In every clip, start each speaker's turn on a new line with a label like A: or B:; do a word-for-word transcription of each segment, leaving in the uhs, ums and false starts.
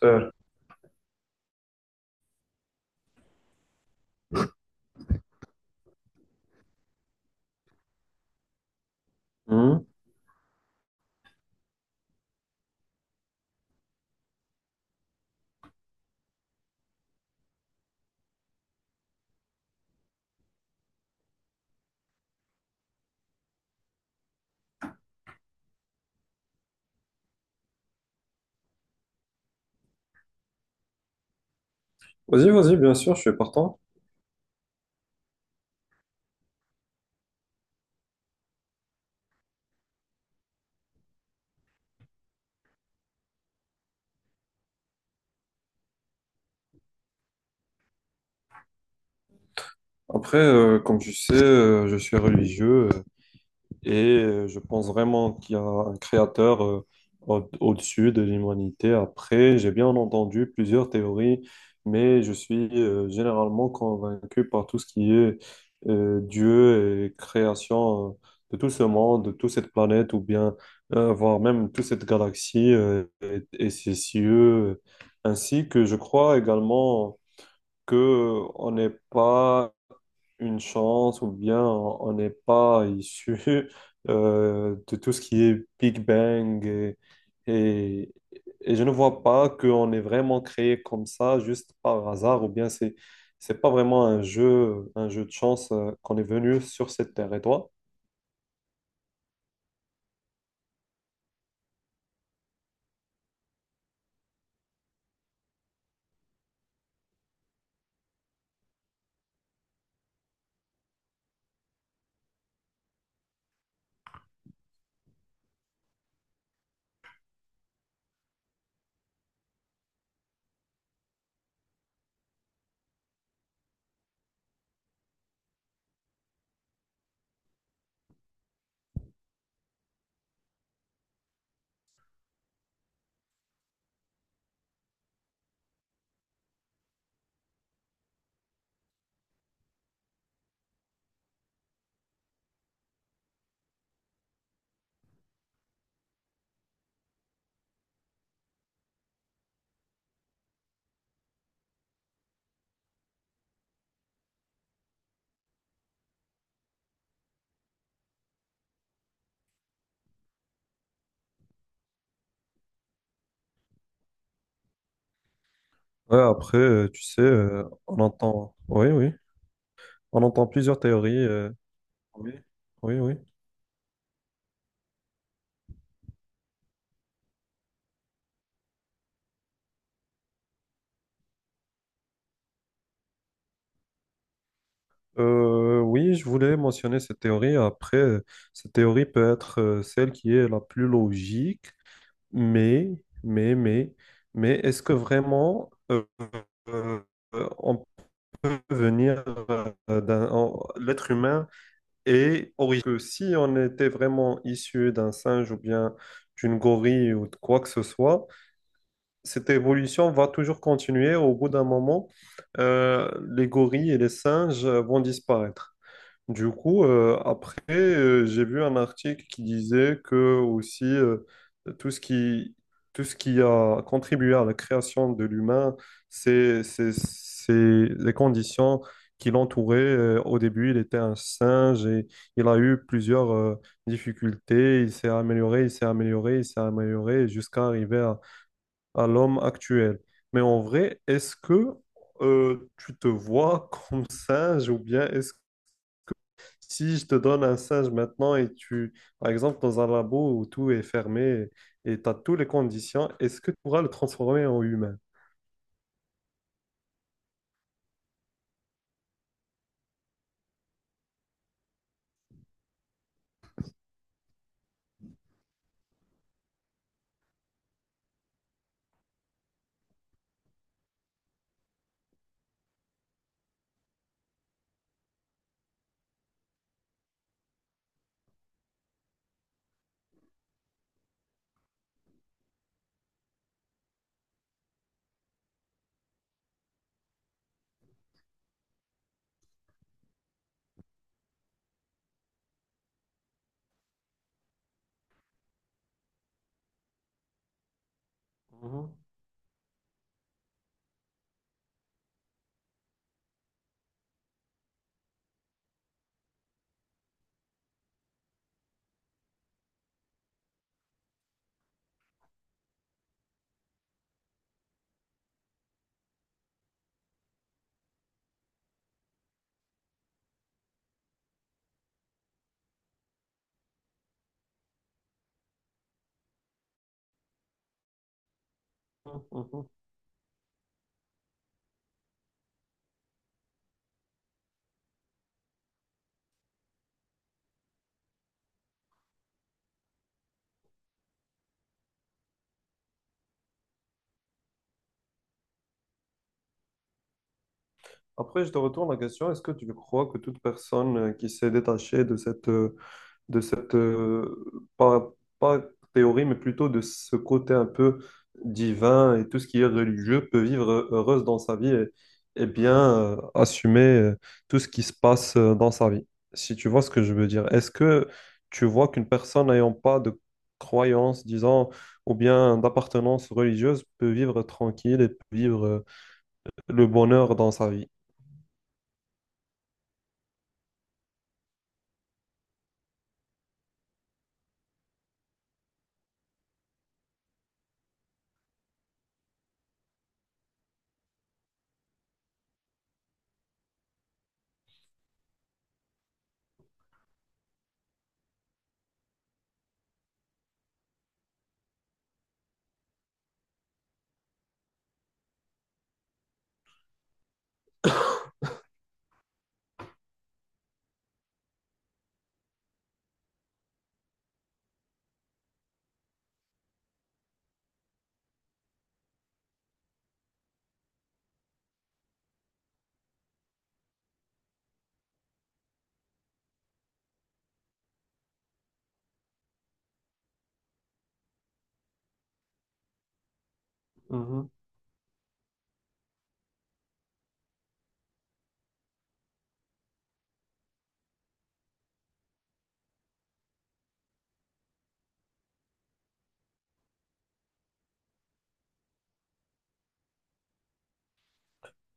A: Sœur. Hmm. Vas-y, vas-y, bien sûr, je suis partant. Après, euh, comme tu sais, euh, je suis religieux euh, et euh, je pense vraiment qu'il y a un créateur euh, au- au-dessus de l'humanité. Après, j'ai bien entendu plusieurs théories, mais je suis euh, généralement convaincu par tout ce qui est euh, Dieu et création euh, de tout ce monde, de toute cette planète, ou bien euh, voire même toute cette galaxie euh, et, et ses cieux, ainsi que je crois également que euh, on n'est pas une chance ou bien on n'est pas issu euh, de tout ce qui est Big Bang et, et, et je ne vois pas qu'on est vraiment créé comme ça juste par hasard ou bien c'est c'est pas vraiment un jeu un jeu de chance euh, qu'on est venu sur cette terre. Et toi? Ouais, après, euh, tu sais, euh, on entend, oui, oui, on entend plusieurs théories. euh, Oui. Oui, oui. Euh, oui, je voulais mentionner cette théorie. Après, euh, cette théorie peut être euh, celle qui est la plus logique, mais, mais, mais, mais est-ce que vraiment euh, euh, on peut venir euh, d'un... en- L'être humain est originaire. Que si on était vraiment issu d'un singe ou bien d'une gorille ou de quoi que ce soit, cette évolution va toujours continuer. Au bout d'un moment, euh, les gorilles et les singes euh, vont disparaître. Du coup, euh, après, euh, j'ai vu un article qui disait que aussi euh, tout ce qui, tout ce qui a contribué à la création de l'humain, c'est, c'est, c'est les conditions qui l'entouraient. Euh, au début, il était un singe et il a eu plusieurs euh, difficultés. Il s'est amélioré, il s'est amélioré, il s'est amélioré jusqu'à arriver à, à l'homme actuel. Mais en vrai, est-ce que euh, tu te vois comme singe ou bien est-ce si je te donne un singe maintenant et tu, par exemple, dans un labo où tout est fermé et tu as toutes les conditions, est-ce que tu pourras le transformer en humain? Mhm, mhm, mhm. Après, je te retourne la question, est-ce que tu crois que toute personne euh, qui s'est détachée de cette euh, de cette, euh, pas, pas théorie, mais plutôt de ce côté un peu divin et tout ce qui est religieux peut vivre heureuse dans sa vie et, et bien euh, assumer euh, tout ce qui se passe euh, dans sa vie. Si tu vois ce que je veux dire, est-ce que tu vois qu'une personne n'ayant pas de croyance, disons, ou bien d'appartenance religieuse peut vivre tranquille et peut vivre euh, le bonheur dans sa vie? Mhm.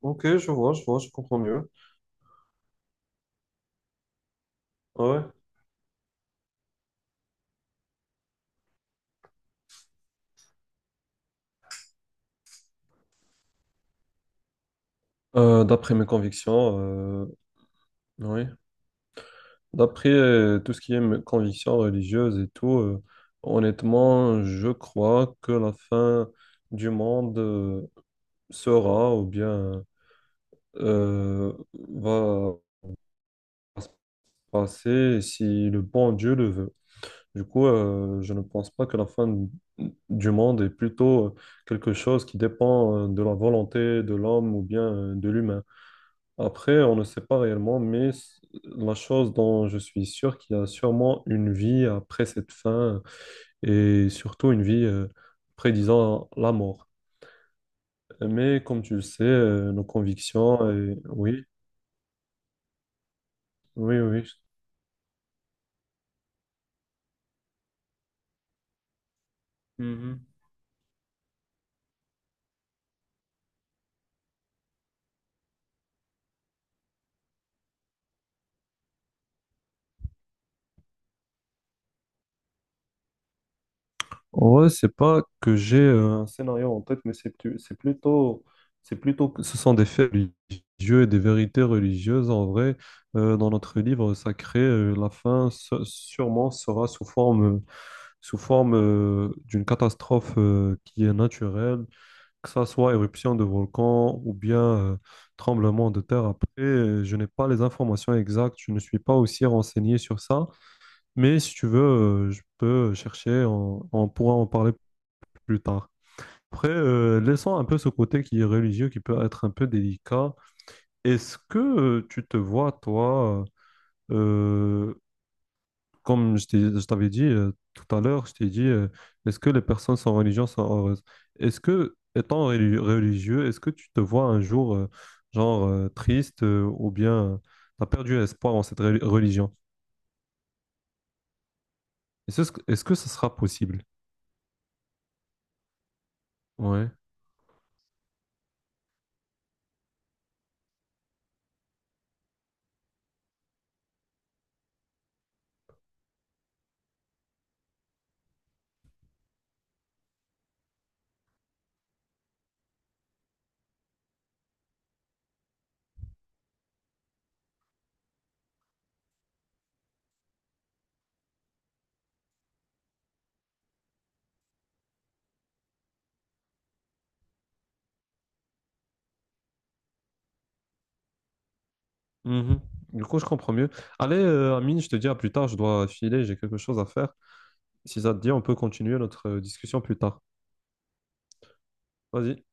A: Ok, je vois, je vois, je comprends mieux. Ouais. Euh, d'après mes convictions, euh, oui. D'après euh, tout ce qui est m- conviction religieuse et tout, euh, honnêtement, je crois que la fin du monde euh, sera ou bien euh, va se passer si le bon Dieu le veut. Du coup, euh, je ne pense pas que la fin du monde est plutôt euh, quelque chose qui dépend euh, de la volonté de l'homme ou bien euh, de l'humain. Après, on ne sait pas réellement, mais c- la chose dont je suis sûr, qu'il y a sûrement une vie après cette fin et surtout une vie euh, prédisant la mort. Mais comme tu le sais, euh, nos convictions, et... oui, oui, oui. Mhm. En vrai, c'est pas que j'ai euh, un scénario en tête, mais c'est plu- c'est plutôt, c'est plutôt que ce sont des faits religieux et des vérités religieuses. En vrai, Euh, dans notre livre sacré, euh, la fin se- sûrement sera sous forme sous forme euh, d'une catastrophe euh, qui est naturelle, que ça soit éruption de volcan ou bien euh, tremblement de terre. Après, euh, je n'ai pas les informations exactes, je ne suis pas aussi renseigné sur ça, mais si tu veux, euh, je peux chercher, on, on pourra en parler plus tard. Après, euh, laissons un peu ce côté qui est religieux, qui peut être un peu délicat. Est-ce que euh, tu te vois, toi, euh, Comme je t'ai- je t'avais dit euh, tout à l'heure, je t'ai dit, euh, est-ce que les personnes sans religion sont heureuses? Est-ce que, étant reli- religieux, est-ce que tu te vois un jour, euh, genre, euh, triste euh, ou bien tu as perdu espoir en cette reli- religion? Est-ce que, est-ce que ce sera possible? Ouais. Mhm. Du coup, je comprends mieux. Allez, euh, Amine, je te dis à plus tard, je dois filer, j'ai quelque chose à faire. Si ça te dit, on peut continuer notre euh, discussion plus tard. Vas-y.